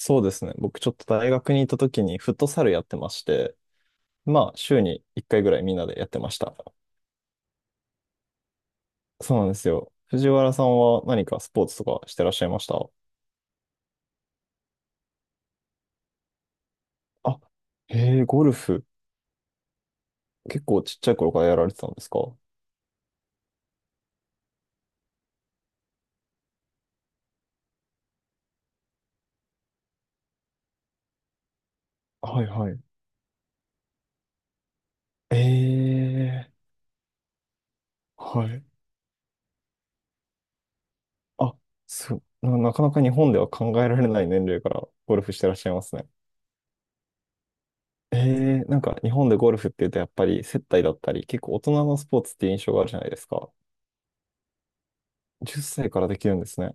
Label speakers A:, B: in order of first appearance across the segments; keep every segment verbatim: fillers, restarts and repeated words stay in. A: そうですね。僕ちょっと大学にいた時にフットサルやってまして、まあ週にいっかいぐらいみんなでやってました。そうなんですよ。藤原さんは何かスポーツとかしてらっしゃいました？あ、へえ、ゴルフ。結構ちっちゃい頃からやられてたんですか？はいはい。ええ、はい。あ、そう、な、なかなか日本では考えられない年齢からゴルフしてらっしゃいますね。ええ、なんか日本でゴルフって言うとやっぱり接待だったり、結構大人のスポーツって印象があるじゃないですか。じゅっさいからできるんですね。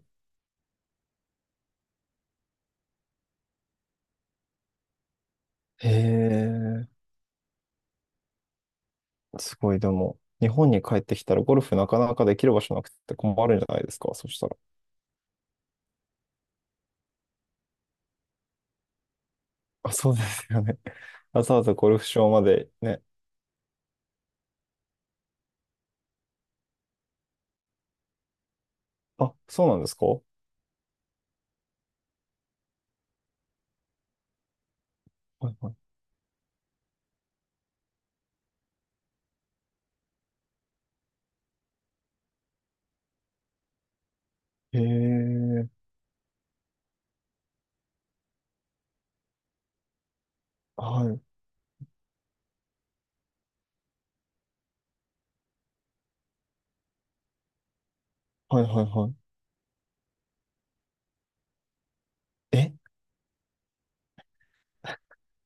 A: へえ、すごい、でも、日本に帰ってきたらゴルフなかなかできる場所なくて困るんじゃないですか、そしたら。あ、そうですよね。わざわざゴルフ場までね。あ、そうなんですか？はいはい。へえ、はい、はい、はい、はい。え、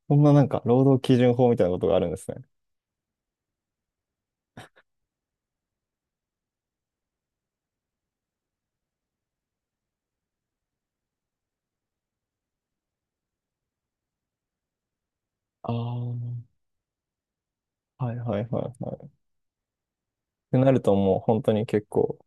A: こんななんか、労働基準法みたいなことがあるんですね。ああ、はい、はい、はい、はい。ってなるともう本当に結構、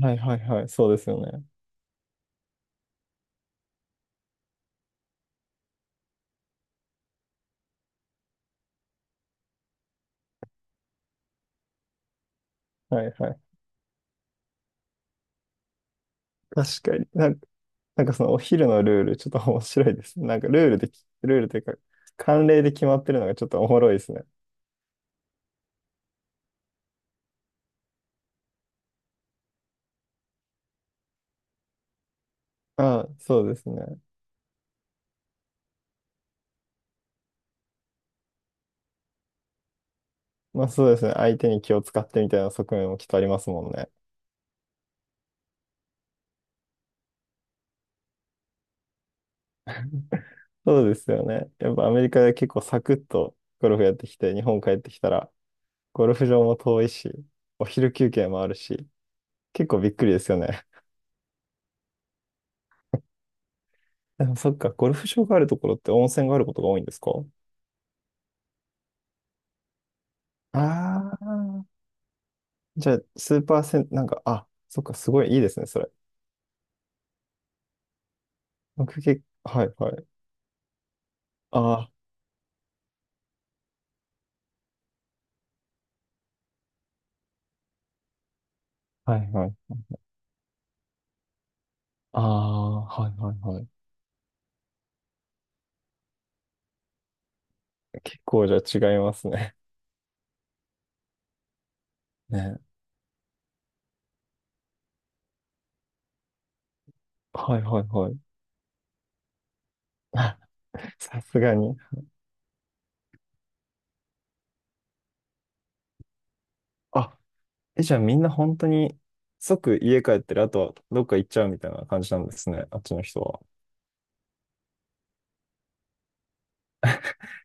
A: はい、はい、はい、そうですよね。はい、はい。確かに。なんかなんかそのお昼のルール、ちょっと 面白いですね。なんかルールでき、ルールというか、慣例で決まってるのがちょっとおもろいですね。ああ、そうですね。まあそうですね。相手に気を使ってみたいな側面もきっとありますもんね。そうですよね。やっぱアメリカで結構サクッとゴルフやってきて、日本帰ってきたら、ゴルフ場も遠いし、お昼休憩もあるし、結構びっくりですよね。でもそっか、ゴルフ場があるところって温泉があることが多いんですか？ああー、じゃあ、スーパーセン、なんか、あ、そっか、すごいいいですね、それ。僕結はいはい。ああ、はいはい。ああ、はいはいはい。結構じゃあ違いますね。ね。はいはいはい。あ、さすがに。あ、え、じゃあみんな本当に即家帰ってる、あとはどっか行っちゃうみたいな感じなんですね。あっちの人は。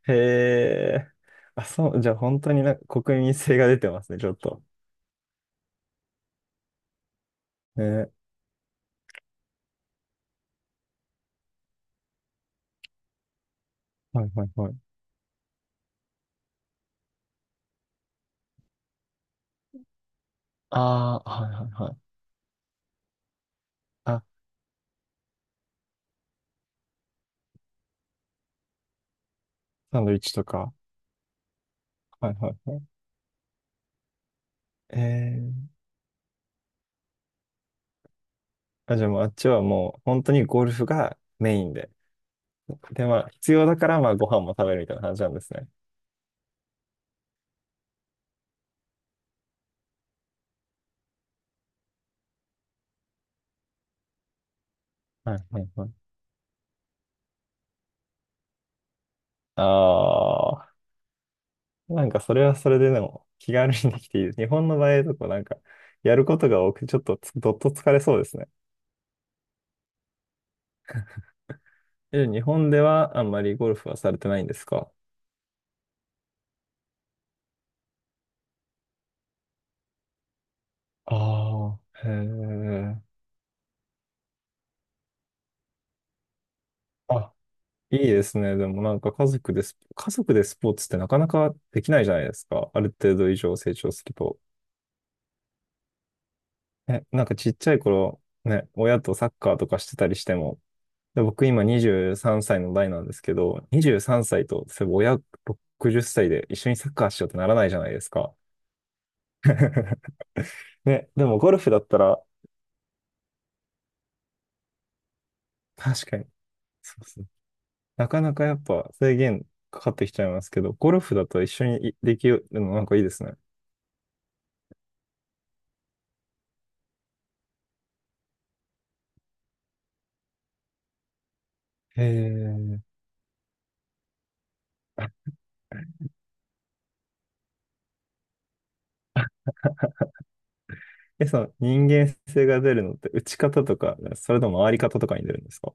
A: へえ。あ、そう、じゃあ本当になんか国民性が出てますね、ちょっと。ね。はいはいはい。ああ、はいはいはい。あ、サンドイッチとか。はいはいはい。えー、あ、じゃあもうあっちはもう本当にゴルフがメインで。で、まあ、必要だから、まあ、ご飯も食べるみたいな感じなんですね。はいはいはい。ああ、なんかそれはそれででも気軽にできていいです。日本の場合だとかなんか、やることが多くて、ちょっとつどっと疲れそうですね。え、日本ではあんまりゴルフはされてないんですか？ああ、へえ。あ、いいですね。でもなんか家族でス、家族でスポーツってなかなかできないじゃないですか。ある程度以上成長すると。え、なんかちっちゃい頃、ね、親とサッカーとかしてたりしても、で僕今にじゅうさんさいの代なんですけど、にじゅうさんさいと、そういえば親ろくじゅっさいで一緒にサッカーしようってならないじゃないですか。ね、でもゴルフだったら、確かに、そうそう。なかなかやっぱ制限かかってきちゃいますけど、ゴルフだと一緒にできるのなんかいいですね。へえ。え、その人間性が出るのって打ち方とか、それとも回り方とかに出るんですか？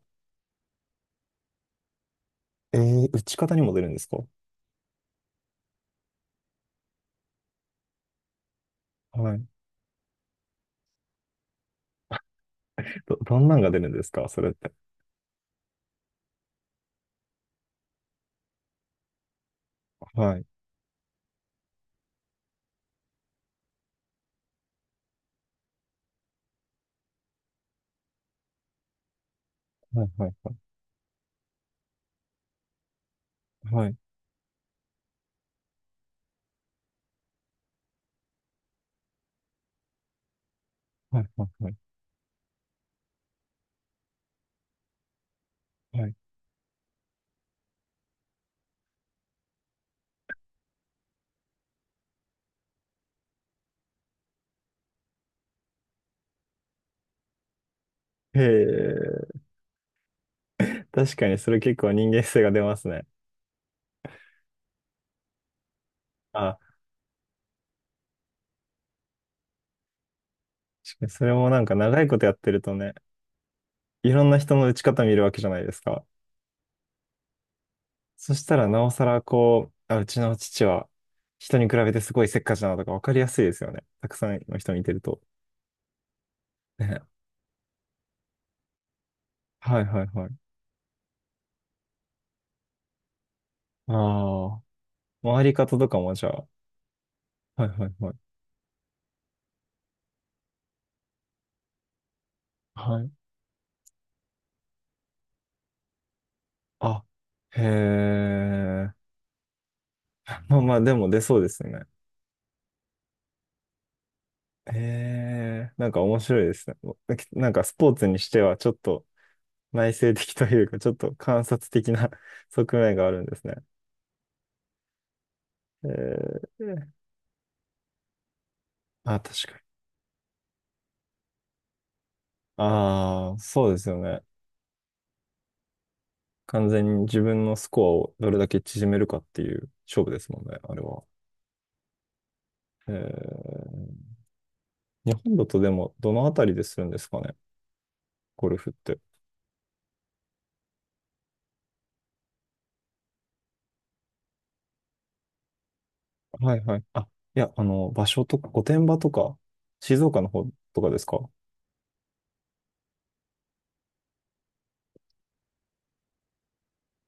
A: えー、打ち方にも出るんですか？はい。ど、どんなんが出るんですかそれって。はい。はい、はい、はい。はいはい、はい、はい。はい、へえ、確かにそれ結構人間性が出ますね。あ、確かにそれもなんか長いことやってるとね、いろんな人の打ち方見るわけじゃないですか。そしたらなおさらこう、あ、うちの父は人に比べてすごいせっかちだなとかわかりやすいですよね。たくさんの人見てると。ね。はい、はい、はい。ああ、回り方とかもじゃあ。はい、はい、はい。はい。あ、へえ。まあまあ、でも出そうですね。へえ、なんか面白いですね。なんかスポーツにしてはちょっと内省的というか、ちょっと観察的な 側面があるんですね。ええ、あ、確かに。ああ、そうですよね。完全に自分のスコアをどれだけ縮めるかっていう勝負ですもんね、あれは。ええ、日本だとでもどのあたりでするんですかね、ゴルフって。はいはい。あ、いや、あの、場所とか、御殿場とか、静岡の方とかですか？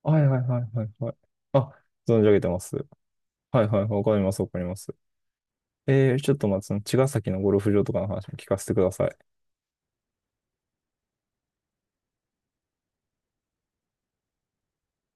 A: はいはいはいはいはい。あ、存じ上げてます。はいはい、わかりますわかります。えー、ちょっとまあ、その茅ヶ崎のゴルフ場とかの話も聞かせてください。